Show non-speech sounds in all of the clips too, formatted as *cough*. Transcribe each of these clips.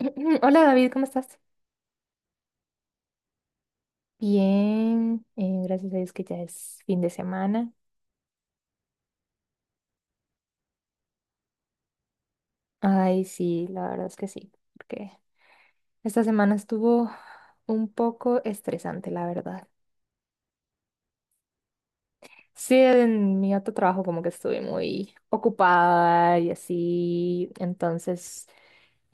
*clears throat* Hola David, ¿cómo estás? Bien, gracias a Dios que ya es fin de semana. Ay, sí, la verdad es que sí, porque esta semana estuvo un poco estresante, la verdad. Sí, en mi otro trabajo como que estuve muy ocupada y así, entonces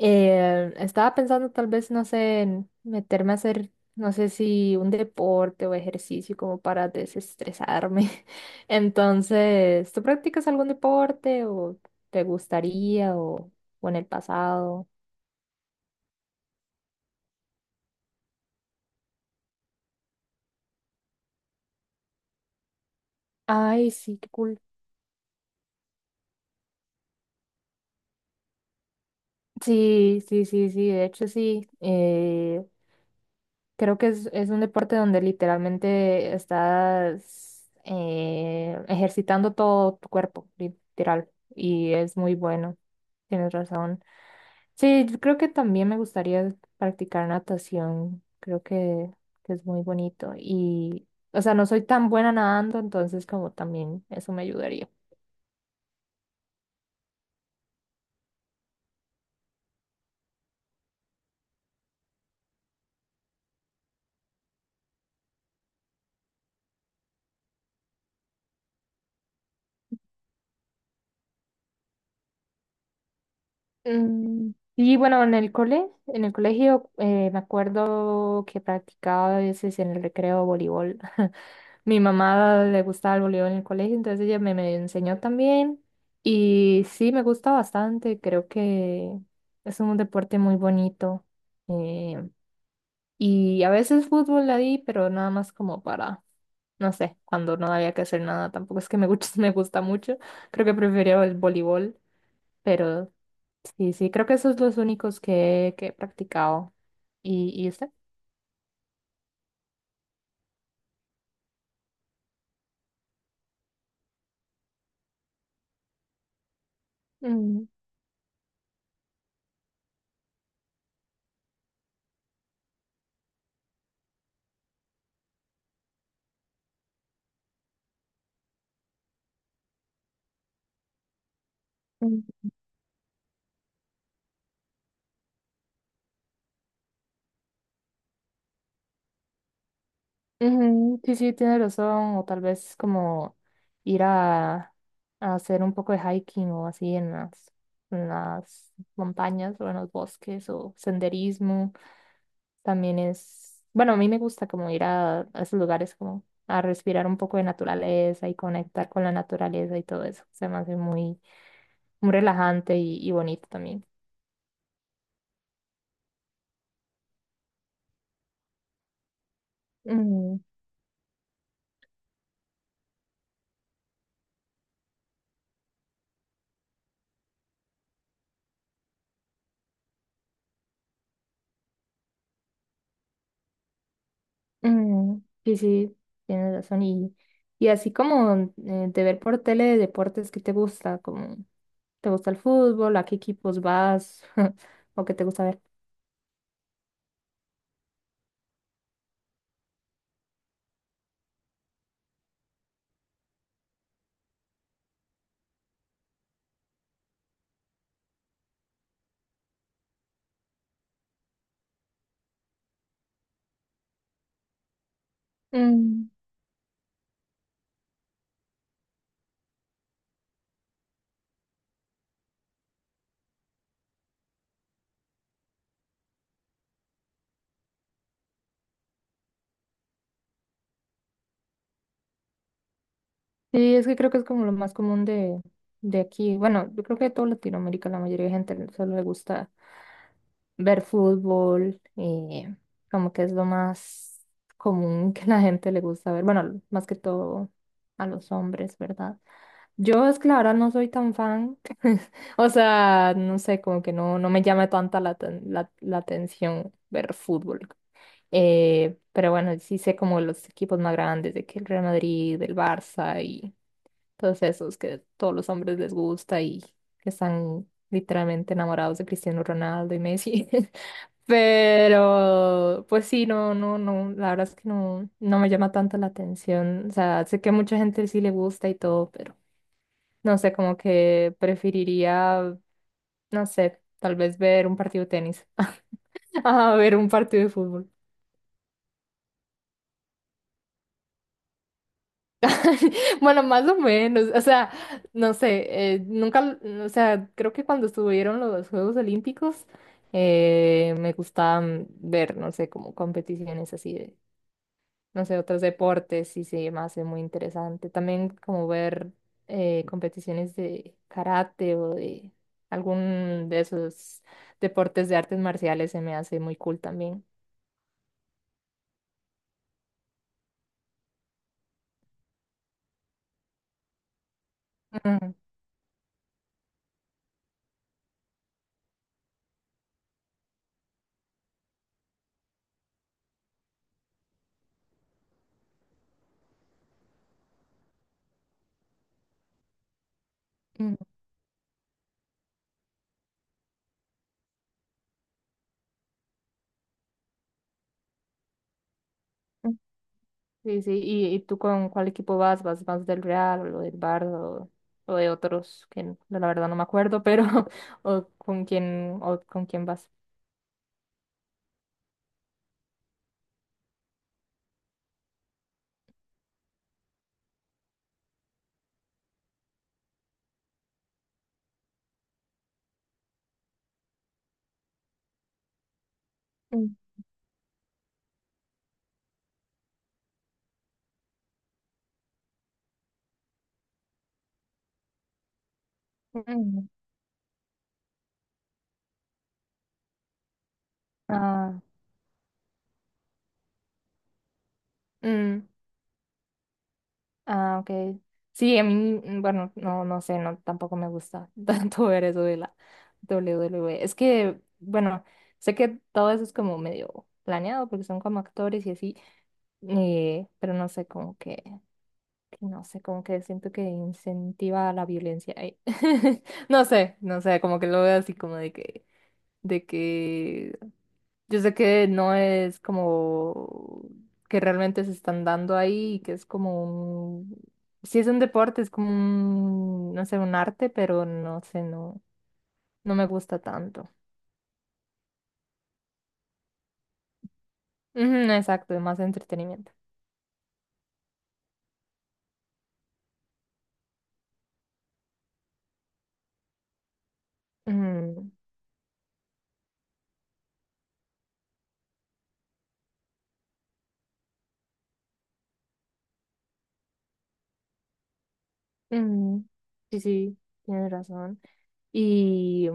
Estaba pensando tal vez, no sé, en meterme a hacer, no sé si un deporte o ejercicio como para desestresarme. *laughs* Entonces, ¿tú practicas algún deporte o te gustaría o en el pasado? Ay, sí, qué cool. Sí, sí, sí, sí, de hecho sí. Creo que es un deporte donde literalmente estás ejercitando todo tu cuerpo, literal, y es muy bueno. Tienes razón. Sí, yo creo que también me gustaría practicar natación. Que es muy bonito. O sea, no soy tan buena nadando, entonces como también eso me ayudaría. Mm, Y bueno, en el colegio, me acuerdo que practicaba a veces en el recreo voleibol. *laughs* Mi mamá le gustaba el voleibol en el colegio, entonces ella me enseñó también. Y sí, me gusta bastante. Creo que es un deporte muy bonito. eh, y a veces fútbol la di, pero nada más como no sé, cuando no había que hacer nada. Tampoco es que me gusta, *laughs* me gusta mucho. Creo que prefería el voleibol, pero sí, sí, creo que esos son los únicos que he practicado. Y usted? Mm. Ujú. Sí, sí, tiene razón, o tal vez como ir a, a hacer un poco de hiking o así en en las montañas o en los bosques o senderismo. También es, bueno, a mí me gusta como a esos lugares como a respirar un poco de naturaleza y conectar con la naturaleza y todo eso. Se me hace muy relajante y bonito también. Mm, sí, sí, tienes razón. Y así como de ver por tele de deportes que te gusta, como te gusta el fútbol, a qué equipos vas *laughs* o qué te gusta ver. Mm, sí, es que creo que es como lo más común de aquí. Bueno, yo creo que de toda Latinoamérica la mayoría de gente solo le gusta ver fútbol, como que es lo más común *laughs* que la gente le gusta ver. Bueno, más que todo a los hombres, ¿verdad? Yo es que la verdad no soy tan fan, *laughs* o sea, no sé, como que no, no me llama tanta la atención ver fútbol. Pero bueno, sí sé como los equipos más grandes, de que el Real Madrid, el Barça y todos esos que todos los hombres les gusta y que están literalmente enamorados de Cristiano Ronaldo y Messi. *laughs* Pero, pues sí, no, no, no, la verdad es que no, no me llama tanto la atención. O sea, sé que a mucha gente sí le gusta y todo, pero no sé, como que preferiría, no sé, tal vez ver un partido de tenis. *laughs* A ver un partido de fútbol. *laughs* Bueno, más o menos. O sea, no sé, nunca, o sea, creo que cuando estuvieron los Juegos Olímpicos, me gustaban ver, no sé, como competiciones así no sé, otros deportes y se me hace muy interesante. También como ver competiciones de karate o de algún de esos deportes de artes marciales se me hace muy cool también. Mm, mm, mm. Sí, sí, y tú con cuál equipo vas? ¿Vas más del Real o del Barça o de otros que la verdad no me acuerdo, pero *laughs* o con quién vas? Mm, mm. Ah, mm. Ah, ok. Sí, a mí, mm, bueno, no, no sé, no, tampoco me gusta *laughs* tanto ver eso de la W W WWE. Es que, bueno, sé que todo eso es como medio planeado porque son como actores y así, pero no sé, como que no sé, como que siento que incentiva la violencia ahí. *laughs* No sé, no sé, como que lo veo así como de que yo sé que no es como que realmente se están dando ahí, que es como un... Sí es un deporte, es como un, no sé, un arte, pero no sé, no, no me gusta tanto. Ujú, exacto, es más entretenimiento. Ujú, ujú. Sí, sí, tienes razón. Y,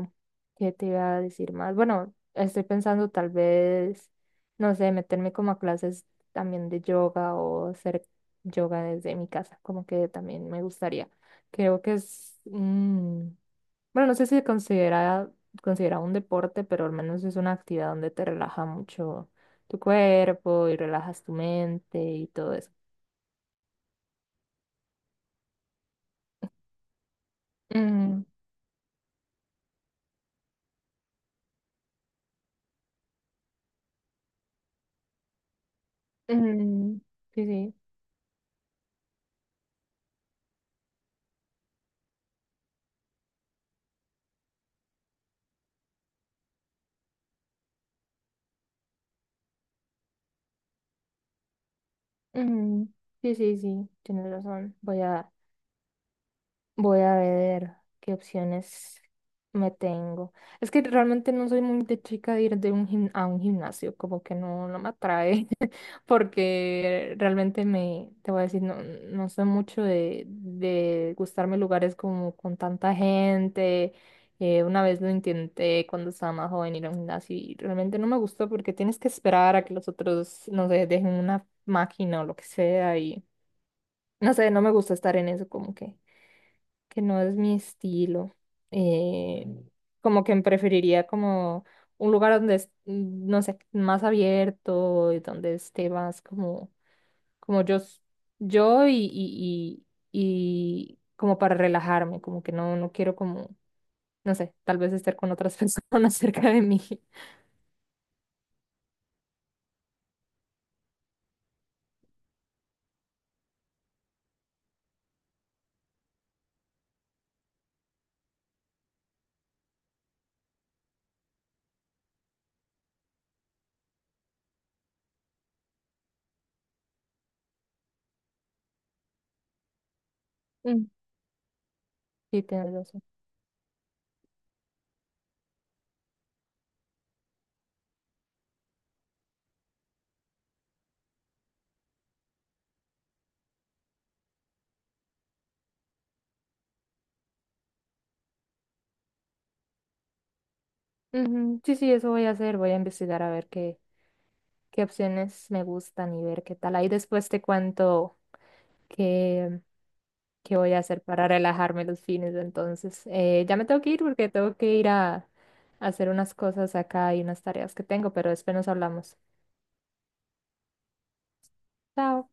¿qué te iba a decir más? Bueno, estoy pensando tal vez, no sé, meterme como a clases también de yoga o hacer yoga desde mi casa, como que también me gustaría. Creo que bueno, no sé si se considera un deporte, pero al menos es una actividad donde te relaja mucho tu cuerpo y relajas tu mente y todo eso. Mm, mm, sí, sí. Mm, sí, sí, sí, tienes razón. Voy a ver qué opciones me tengo. Es que realmente no soy muy de chica de ir de a un gimnasio, como que no, no me atrae, *laughs* porque realmente te voy a decir, no, no soy mucho de gustarme lugares como con tanta gente. Una vez lo intenté cuando estaba más joven ir a un gimnasio y realmente no me gustó porque tienes que esperar a que los otros, no sé, dejen una máquina o lo que sea y no sé, no me gusta estar en eso como que no es mi estilo. eh, como que preferiría como un lugar donde, no sé, más abierto, y donde esté más como, como yo, s- yo y como para relajarme, como que no, no quiero como, no sé, tal vez estar con otras *laughs* personas cerca de mí. Mm. Sí, tienes razón. Ujú, sí, sí, eso voy a hacer. Voy a investigar a ver qué opciones me gustan y ver qué tal. Ahí después te cuento. ¿Qué voy a hacer para relajarme los fines de entonces? Ya me tengo que ir porque tengo que ir a hacer unas cosas acá y unas tareas que tengo, pero después nos hablamos. Chao.